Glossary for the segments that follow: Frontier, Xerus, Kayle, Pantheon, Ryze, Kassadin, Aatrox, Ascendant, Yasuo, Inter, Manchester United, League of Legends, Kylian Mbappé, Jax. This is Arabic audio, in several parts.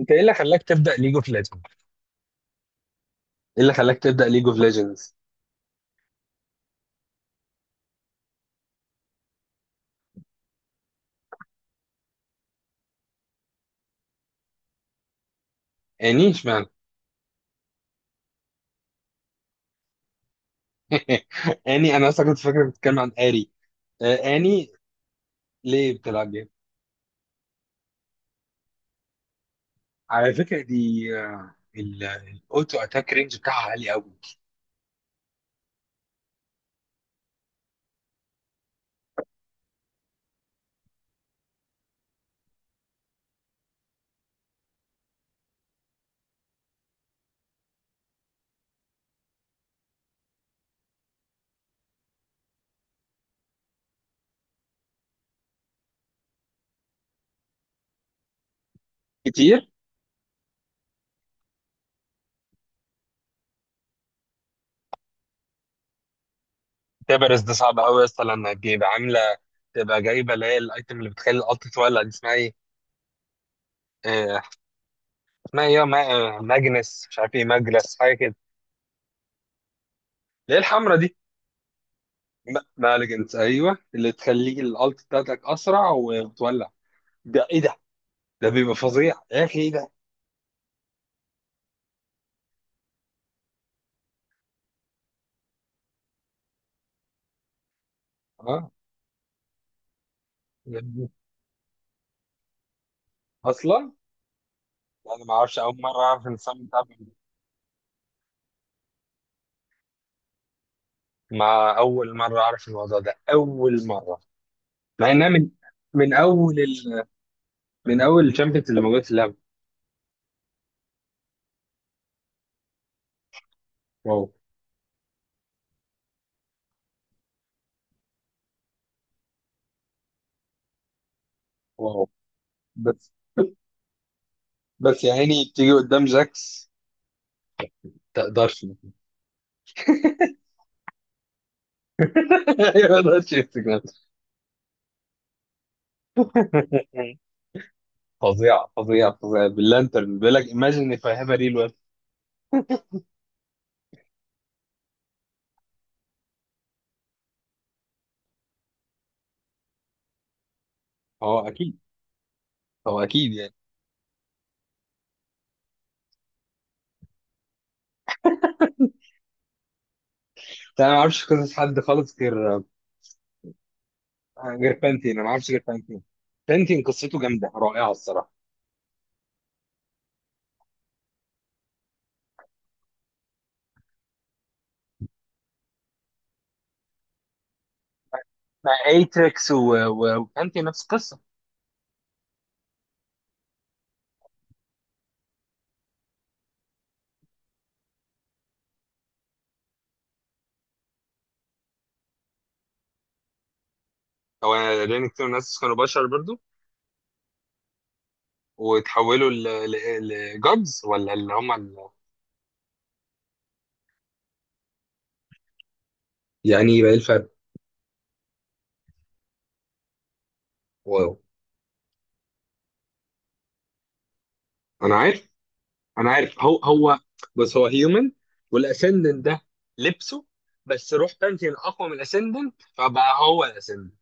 انت ايه اللي خلاك تبدا ليج اوف ليجندز؟ ايه اللي خلاك تبدا ليج اوف ليجندز؟ اني اشمعنى؟ اني انا اصلا كنت فاكر بتتكلم عن اري. آه، اني. ليه بتلعب جيم؟ على فكره دي الاوتو اتاك رينج بتاعها عالي قوي. كتير. تبرز ده صعب قوي اصلا لما تبقى عامله، تبقى جايبه اللي هي الايتم اللي بتخلي الالت تولع دي اسمها ايه؟ آه، اسمها ايه يا ما- آه، ماجنس مش عارف ايه، ماجلس حاجه كده. اللي هي الحمرا دي. مالجنس ايوه، اللي تخليك الالت بتاعتك اسرع وتولع. ده ايه ده؟ ده بيبقى فظيع يا اخي، ايه ده؟ اه. ده بي- اصلا انا ما اعرفش، اول مره اعرف النظام بتاع بيبي. مع اول مره اعرف الموضوع ده اول مره. مع انها من اول ال... من اول الشامبيونز اللي موجود في اللعبه. واو. واو. بس بس يا عيني تيجي قدام جاكس، تقدرش. ما تقدرش يمسك نفسه. فظيعه فظيعه فظيعه. باللانترن بيقول لك imagine if I have a real weapon. هو اكيد. هو اكيد يعني. بس انا ما اعرفش قصص حد خالص غير. غير بانتين، انا ما اعرفش غير بانتين. بانتين قصته جامده رائعه الصراحه. مع ايتريكس وبانتين نفس القصه. هو. لان كتير ناس كانوا بشر برضو، وتحولوا لجادز ولا يعني يبقى ايه بقى الفرق؟ واو. انا عارف. انا عارف هو هو. بس هو هيومن. والاسندنت ده لبسه. بس روح بانتين اقوى من الاسندنت، فبقى هو الاسندنت.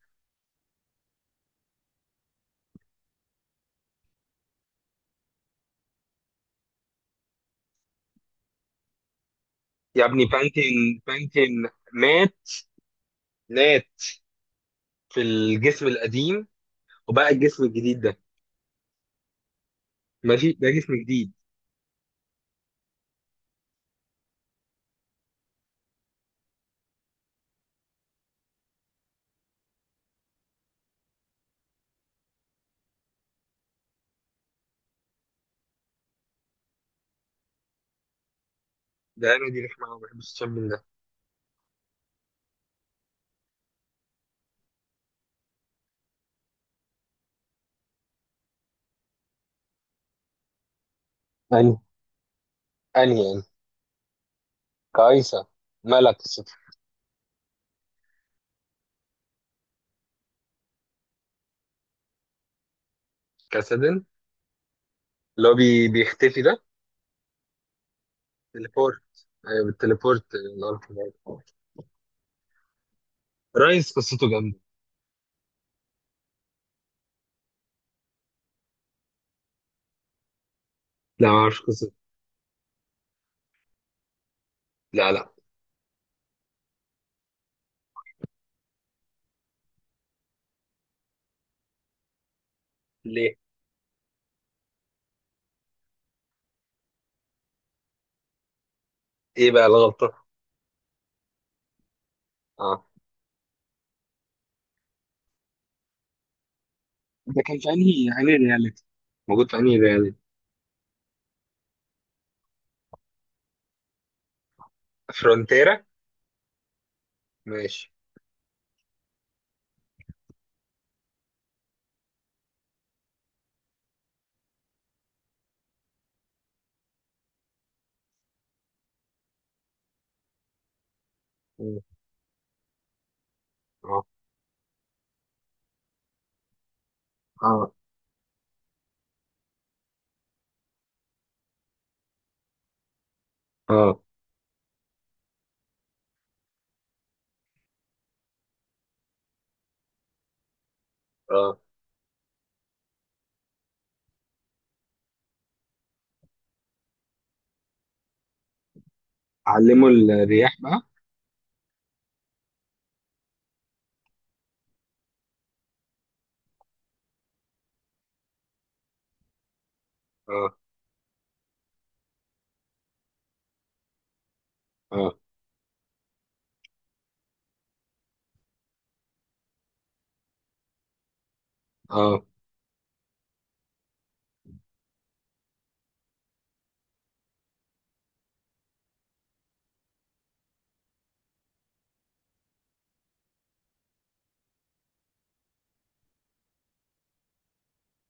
يا ابني بانتين بانتين. مات. مات. في الجسم القديم. وبقى الجسم الجديد ده. ماشي، ده جسم جديد. ده انا دي نحمة أوي، ما بحبش الشم من ده. أني. أني يعني. كايسة. ملك الستر. كسدن. اللي هو بيختفي ده. تليبورت. ايوه بالتليبورت اللي هو بتاع الأرض. رايس قصته جامدة. لا ما اعرفش قصته. لا لا. ليه؟ ايه بقى الغلطة؟ اه. ده كان في أنهي رياليتي، موجود في انهي ريال؟ فرونتيرا. ماشي. مم. اه اه اه اه. علموا الرياح بقى. اه اه اه.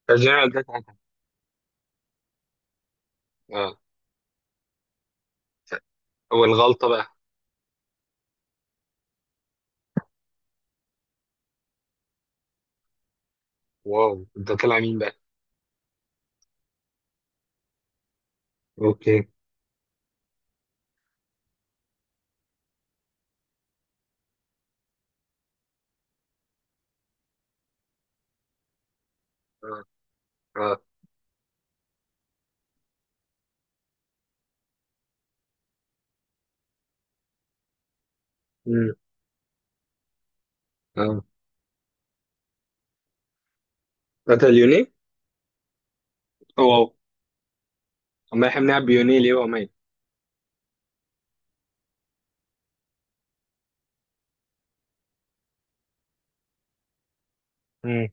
فالجنرال ده اتقتل. اه. ف- والغلطة بقى. واو، ده طلع مين بقى؟ اوكي. اه اه. مم. اه. قتل يوني؟ واو. ما يحملها بيوني ليه وماي؟ مم.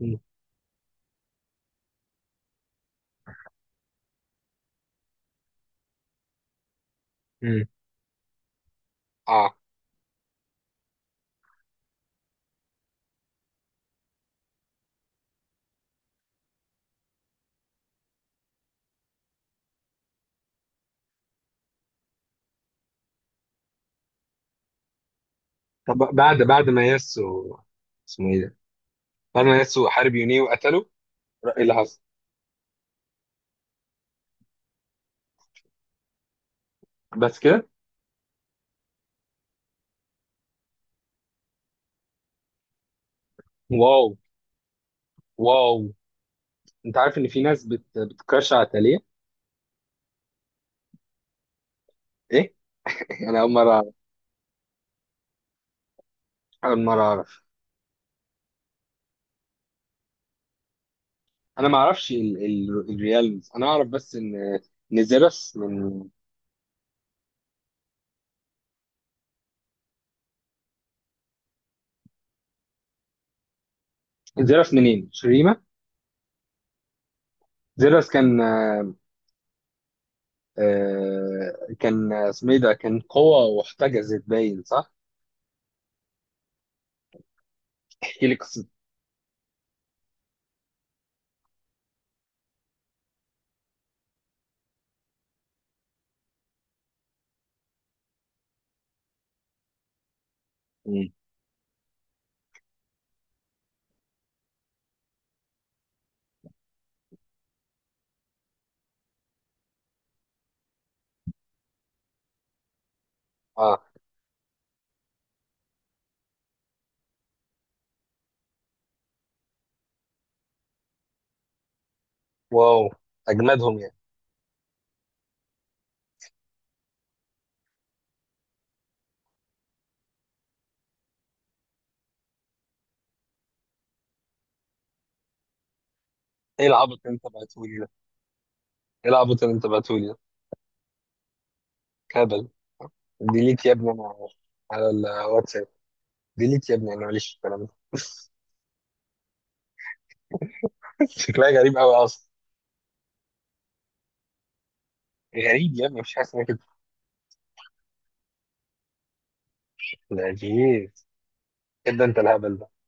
مم. مم. اه. طب بعد ما ياسو اسمه ايه ده؟ بعد ما ياسو حارب يوني وقتله، ايه اللي حصل؟ بس كده؟ واو واو. انت عارف ان في ناس بتكرش على تالية؟ ايه؟ انا اول مره اعرف. اول مره اعرف. انا ما اعرفش الريالز، انا اعرف بس ان زيروس من. زيروس منين؟ شريمه؟ زيروس كان. كان اسمه ايه ده، كان قوة واحتجزت باين صح؟ احكي لي قصة. مم. اه. واو. اجمدهم يعني. ايه العبط اللي انت بعتهولي ده؟ ايه العبط اللي انت بعتهولي ده؟ كابل. ديليت يا ابني انا، على الواتساب. ديليت يا ابني انا ماليش في الكلام ده. شكلها غريب قوي اصلا. غريب يا ابني، مش حاسس انك كده. لا جيز. كده انت الهبل ده.